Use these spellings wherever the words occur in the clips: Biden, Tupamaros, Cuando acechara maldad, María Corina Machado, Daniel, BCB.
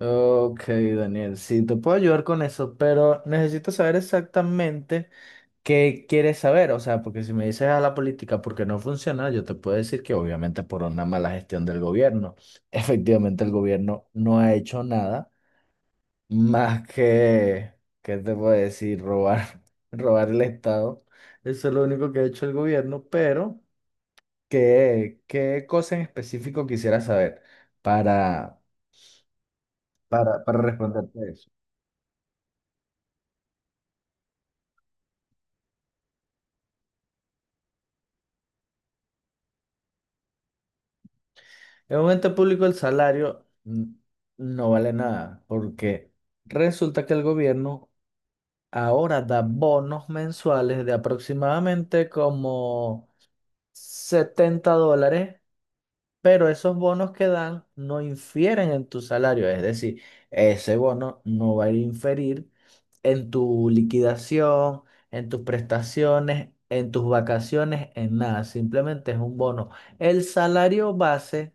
Ok, Daniel, sí, te puedo ayudar con eso, pero necesito saber exactamente qué quieres saber. O sea, porque si me dices a la política porque no funciona, yo te puedo decir que obviamente por una mala gestión del gobierno. Efectivamente, el gobierno no ha hecho nada más que, ¿qué te puedo decir? Robar, robar el Estado. Eso es lo único que ha hecho el gobierno, pero ¿qué cosa en específico quisieras saber para, para responderte eso? En un ente público el salario no vale nada, porque resulta que el gobierno ahora da bonos mensuales de aproximadamente como $70, pero esos bonos que dan no infieren en tu salario, es decir, ese bono no va a inferir en tu liquidación, en tus prestaciones, en tus vacaciones, en nada, simplemente es un bono. El salario base.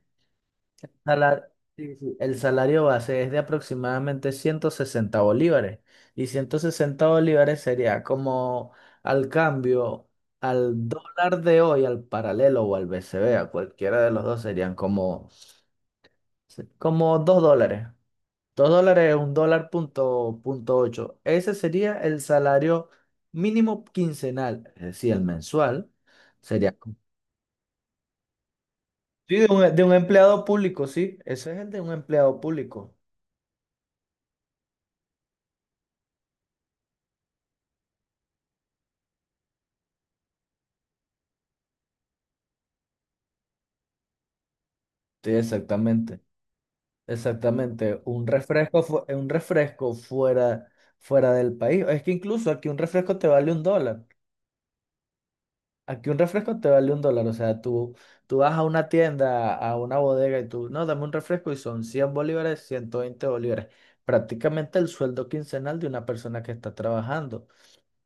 Sala- sí, sí, el salario base es de aproximadamente 160 bolívares y 160 bolívares sería como al cambio al dólar de hoy, al paralelo o al BCB. A cualquiera de los dos serían como, $2. $2 es un dólar punto ocho. Ese sería el salario mínimo quincenal, es decir, el mensual sería sí, de un, empleado público, sí, ese es el de un empleado público. Sí, exactamente. Exactamente, un refresco, un refresco fuera del país. Es que incluso aquí un refresco te vale $1. Aquí un refresco te vale un dólar. O sea, tú vas a una tienda, a una bodega y tú, no, dame un refresco y son 100 bolívares, 120 bolívares. Prácticamente el sueldo quincenal de una persona que está trabajando.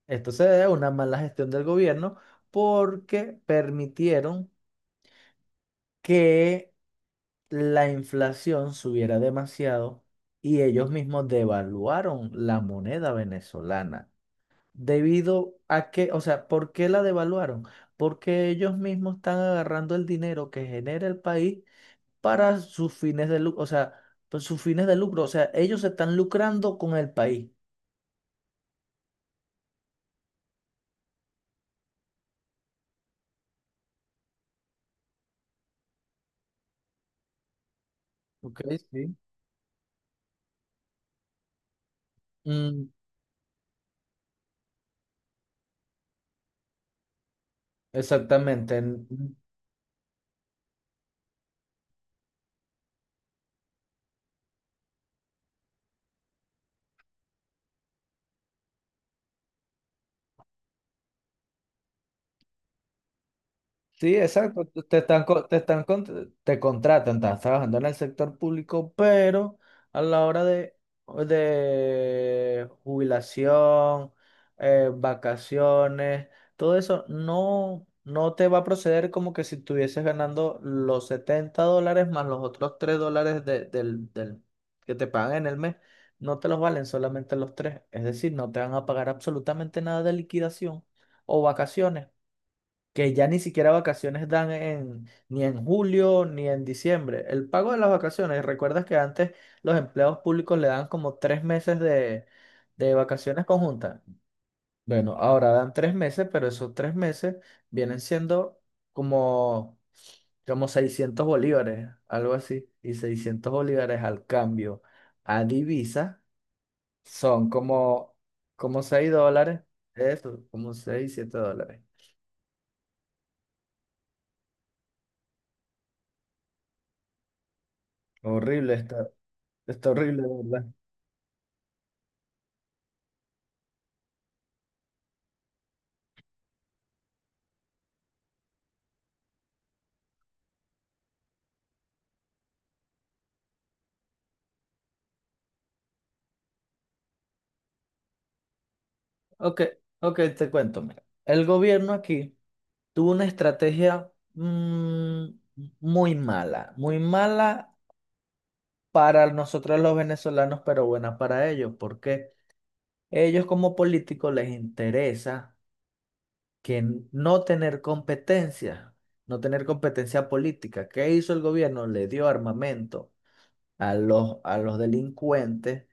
Esto se debe a una mala gestión del gobierno porque permitieron que la inflación subiera demasiado y ellos mismos devaluaron la moneda venezolana. Debido a que, o sea, ¿por qué la devaluaron? Porque ellos mismos están agarrando el dinero que genera el país para sus fines de lucro, o sea, pues, sus fines de lucro, o sea, ellos se están lucrando con el país. Ok, sí. Mm, exactamente. Sí, exacto. Te están, te contratan, estás trabajando en el sector público, pero a la hora de, jubilación, vacaciones, todo eso no, no te va a proceder como que si estuvieses ganando los $70 más los otros $3 que te pagan en el mes. No te los valen solamente los tres. Es decir, no te van a pagar absolutamente nada de liquidación o vacaciones que ya ni siquiera vacaciones dan en, ni en julio ni en diciembre. El pago de las vacaciones, ¿recuerdas que antes los empleados públicos le dan como 3 meses de, vacaciones conjuntas? Bueno, ahora dan 3 meses, pero esos 3 meses vienen siendo como, como, 600 bolívares, algo así. Y 600 bolívares al cambio a divisa son como $6. Eso, como 6, $7. Horrible esto. Está horrible. ¿De verdad? Ok, ok, te cuento. Mira. El gobierno aquí tuvo una estrategia mm, muy mala para nosotros los venezolanos, pero buena para ellos, porque ellos como políticos les interesa que no tener competencia, no tener competencia política. ¿Qué hizo el gobierno? Le dio armamento a los, delincuentes,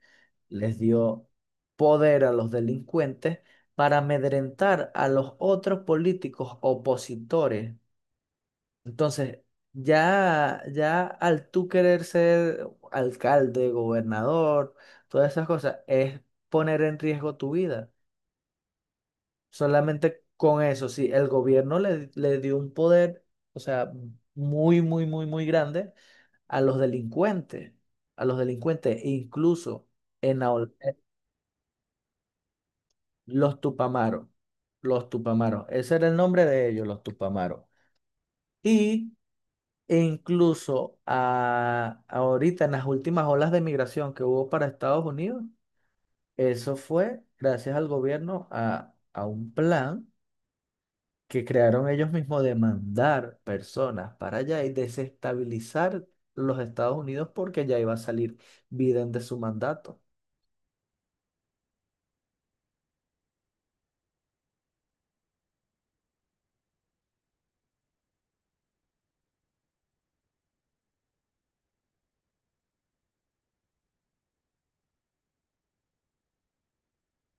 les dio poder a los delincuentes para amedrentar a los otros políticos opositores. Entonces, ya al tú querer ser alcalde, gobernador, todas esas cosas, es poner en riesgo tu vida. Solamente con eso, si el gobierno le, le dio un poder, o sea, muy, muy, muy, muy grande a los delincuentes, a los delincuentes, e incluso en la eh, los Tupamaros, los Tupamaros, ese era el nombre de ellos, los Tupamaros. Y e incluso ahorita en las últimas olas de migración que hubo para Estados Unidos, eso fue gracias al gobierno a un plan que crearon ellos mismos de mandar personas para allá y desestabilizar los Estados Unidos porque ya iba a salir Biden de su mandato.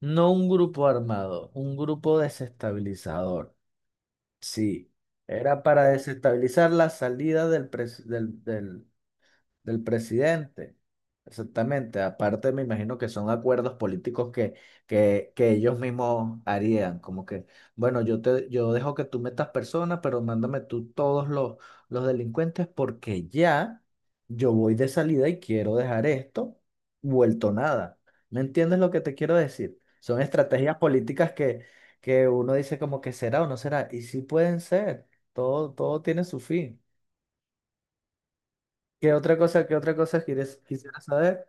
No un grupo armado, un grupo desestabilizador. Sí, era para desestabilizar la salida del presidente. Exactamente. Aparte, me imagino que son acuerdos políticos que, que ellos mismos harían. Como que, bueno, yo te, yo dejo que tú metas personas, pero mándame tú todos los delincuentes porque ya yo voy de salida y quiero dejar esto vuelto nada. ¿Me entiendes lo que te quiero decir? Son estrategias políticas que uno dice como que será o no será. Y sí pueden ser. Todo, todo tiene su fin. Qué otra cosa quieres, quisiera saber?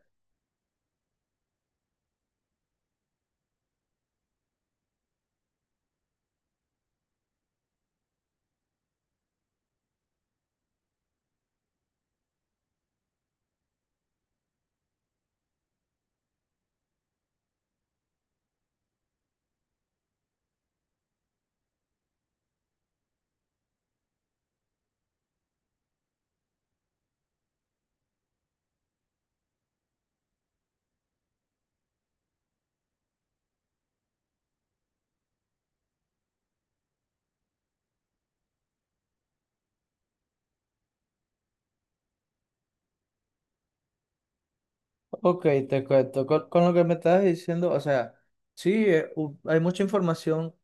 Ok, te cuento. Con lo que me estabas diciendo, o sea, sí, hay mucha información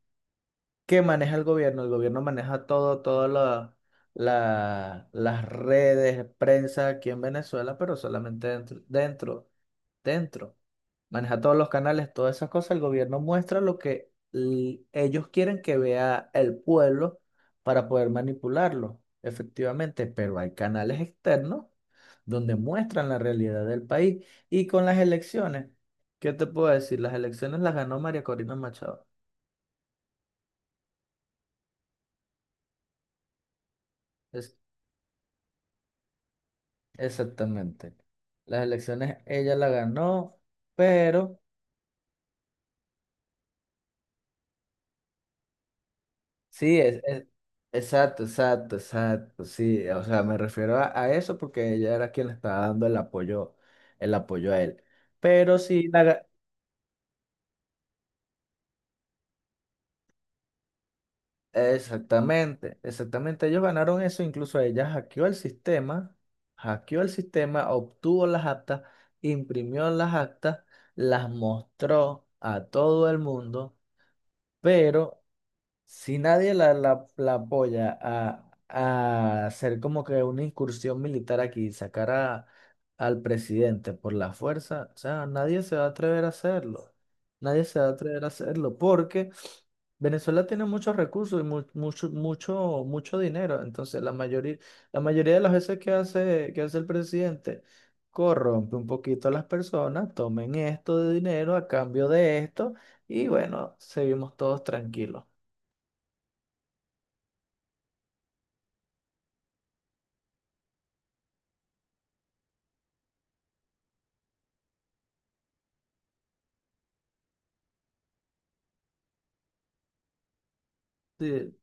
que maneja el gobierno. El gobierno maneja todo, todas las redes, prensa aquí en Venezuela, pero solamente dentro, dentro maneja todos los canales, todas esas cosas, el gobierno muestra lo que ellos quieren que vea el pueblo para poder manipularlo, efectivamente, pero hay canales externos donde muestran la realidad del país y con las elecciones, ¿qué te puedo decir? Las elecciones las ganó María Corina Machado. Es, Exactamente. Las elecciones ella la ganó, pero... Sí, exacto, exacto, exacto, sí, o sea, me refiero a, eso porque ella era quien le estaba dando el apoyo a él. Pero sí, exactamente, exactamente, ellos ganaron eso, incluso ella hackeó el sistema, obtuvo las actas, imprimió las actas, las mostró a todo el mundo, pero si nadie la apoya a hacer como que una incursión militar aquí, sacar al presidente por la fuerza, o sea, nadie se va a atrever a hacerlo. Nadie se va a atrever a hacerlo porque Venezuela tiene muchos recursos y mucho, mucho, mucho dinero. Entonces, la mayoría de las veces que hace, el presidente, corrompe un poquito a las personas, tomen esto de dinero a cambio de esto y bueno, seguimos todos tranquilos. Sí,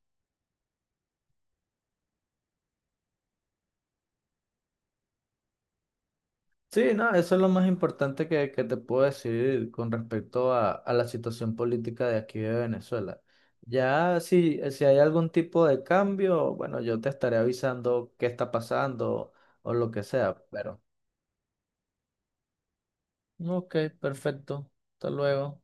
sí, no, eso es lo más importante que te puedo decir con respecto a, la situación política de aquí de Venezuela. Ya si hay algún tipo de cambio, bueno, yo te estaré avisando qué está pasando o lo que sea, pero... Ok, perfecto. Hasta luego.